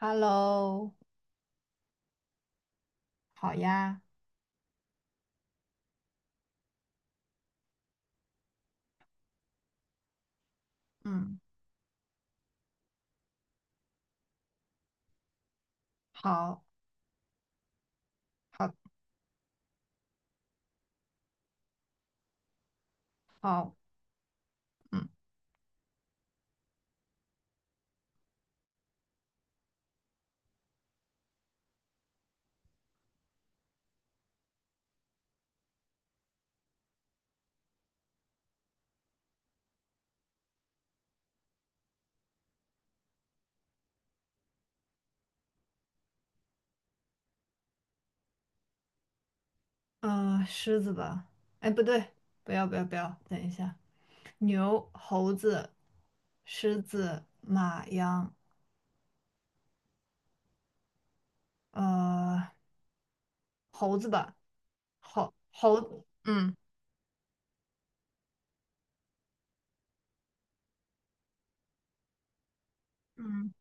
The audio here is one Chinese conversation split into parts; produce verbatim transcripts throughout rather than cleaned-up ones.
Hello，好呀，嗯，好，好，好，嗯，嗯，狮子吧，哎，不对，不要，不要，不要，等一下，牛、猴子、狮子、马、羊，呃，猴子吧，猴猴，嗯，嗯，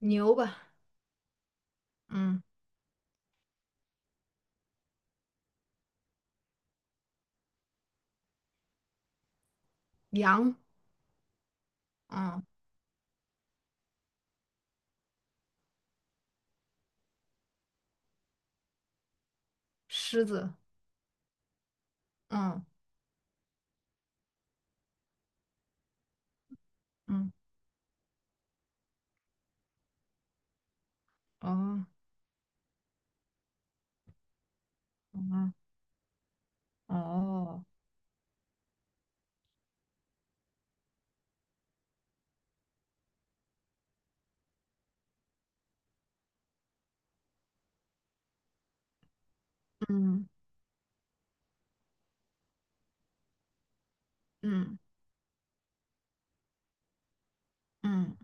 牛吧，嗯，羊，嗯，狮子，嗯，嗯，哦，嗯，哦，嗯，嗯，嗯，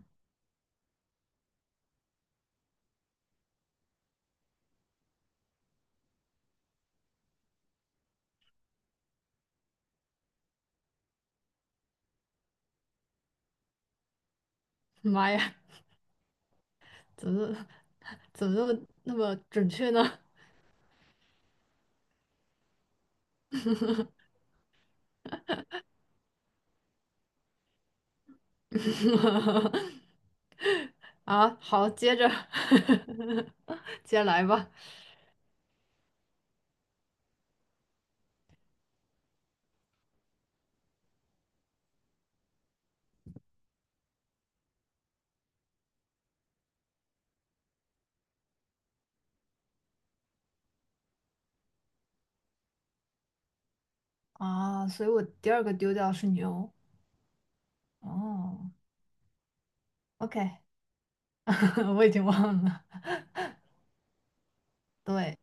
妈呀，怎么 怎么那么那么准确呢？啊，好，接着 接着来吧。啊，所以我第二个丢掉是牛。哦，OK，我已经忘了。对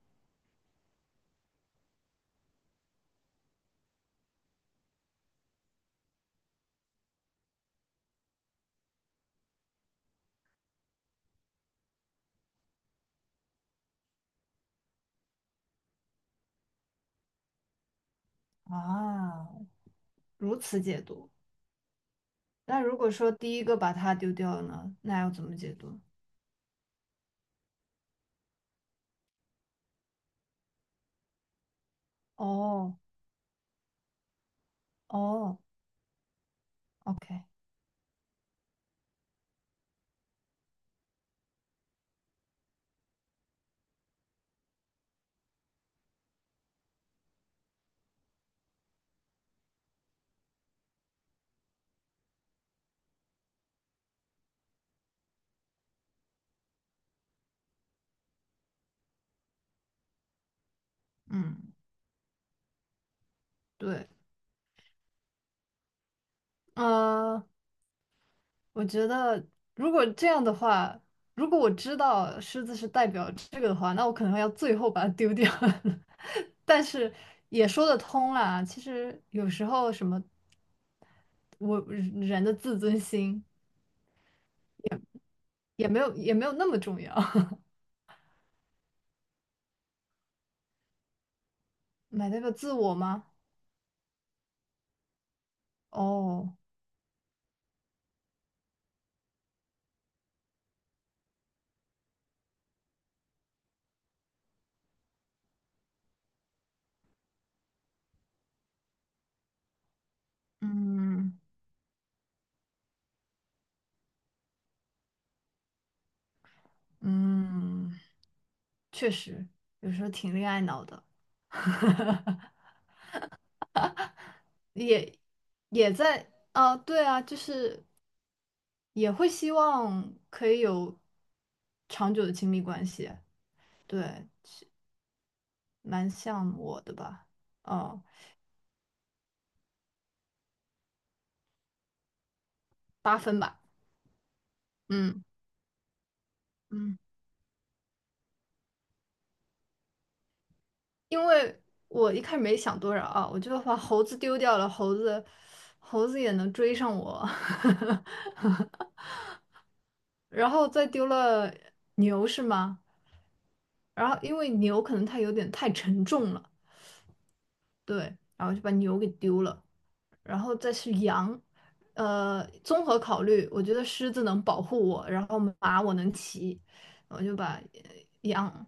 啊，如此解读。那如果说第一个把它丢掉了呢，那要怎么解读？哦哦，OK，嗯，对，呃。我觉得如果这样的话，如果我知道狮子是代表这个的话，那我可能要最后把它丢掉。但是也说得通啦，其实有时候什么我人的自尊心也没有也没有那么重要，买代表自我吗？哦，嗯嗯，确实有时候挺恋爱脑的，也也在啊，对啊，就是。也会希望可以有长久的亲密关系，对，蛮像我的吧，哦，八分吧，嗯嗯，因为我一开始没想多少啊，我就把猴子丢掉了，猴子猴子也能追上我，然后再丢了牛是吗？然后因为牛可能它有点太沉重了，对，然后就把牛给丢了。然后再是羊。呃，综合考虑，我觉得狮子能保护我，然后马我能骑，我就把呃羊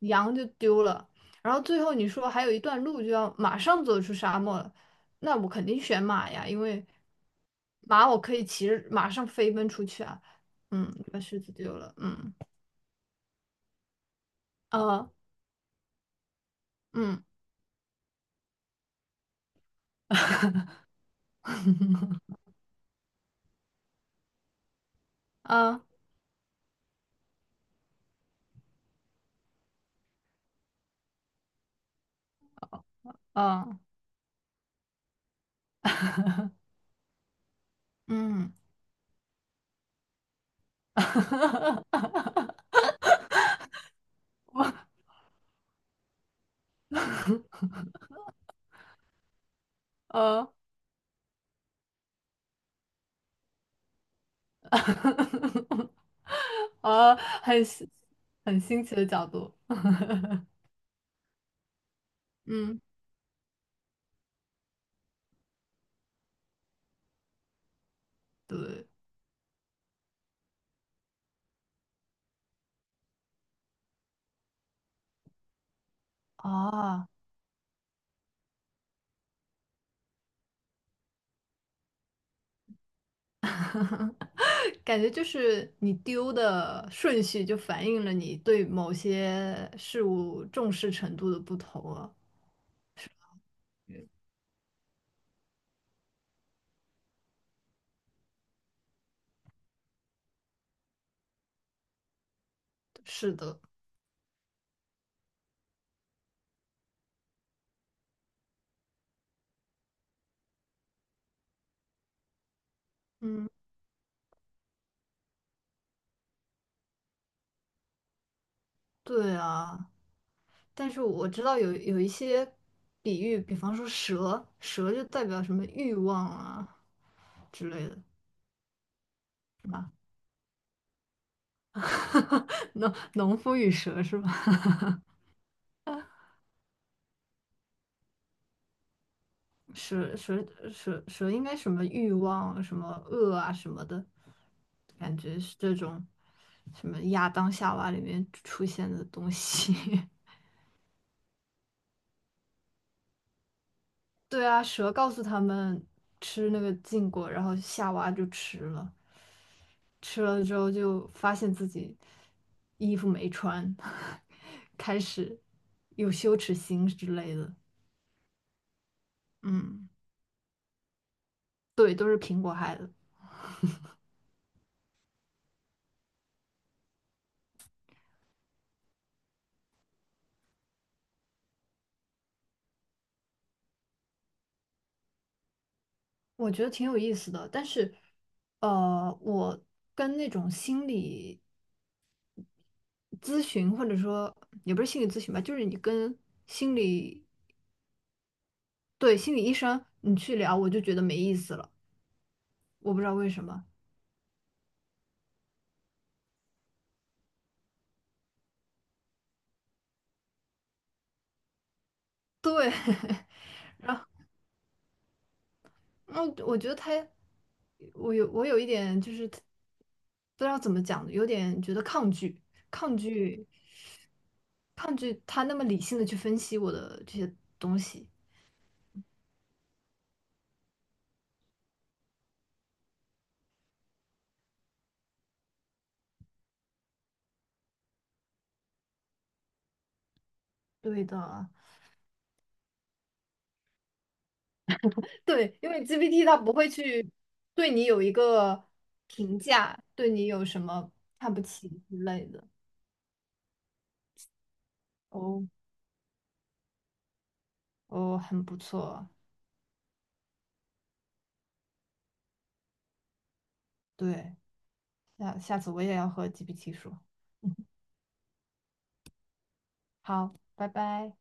羊就丢了。然后最后你说还有一段路就要马上走出沙漠了，那我肯定选马呀，因为马我可以骑着马上飞奔出去啊。嗯，把狮子丢了。嗯，呃，嗯，呃，呃，嗯，呃。啊，很新很新奇的角度。嗯，对，啊，感觉就是你丢的顺序就反映了你对某些事物重视程度的不同啊。是的，嗯，对啊，但是我知道有有一些比喻，比方说蛇，蛇就代表什么欲望啊之类的，是吧？农农夫与蛇是吧？蛇蛇蛇蛇应该什么欲望、什么恶啊什么的，感觉是这种什么亚当夏娃里面出现的东西。对啊，蛇告诉他们吃那个禁果，然后夏娃就吃了，吃了之后就发现自己衣服没穿，开始有羞耻心之类的。嗯，对，都是苹果害的。我觉得挺有意思的，但是，呃，我跟那种心理咨询，或者说也不是心理咨询吧，就是你跟心理，对，心理医生你去聊，我就觉得没意思了，我不知道为什么。对，然后嗯我觉得他，我有我有一点就是不知道怎么讲，有点觉得抗拒，抗拒，抗拒他那么理性的去分析我的这些东西。对的。对，因为 G P T 它不会去对你有一个评价，对你有什么看不起之类的。哦哦，很不错。对，下下次我也要和 G P T 说。嗯，好，拜拜。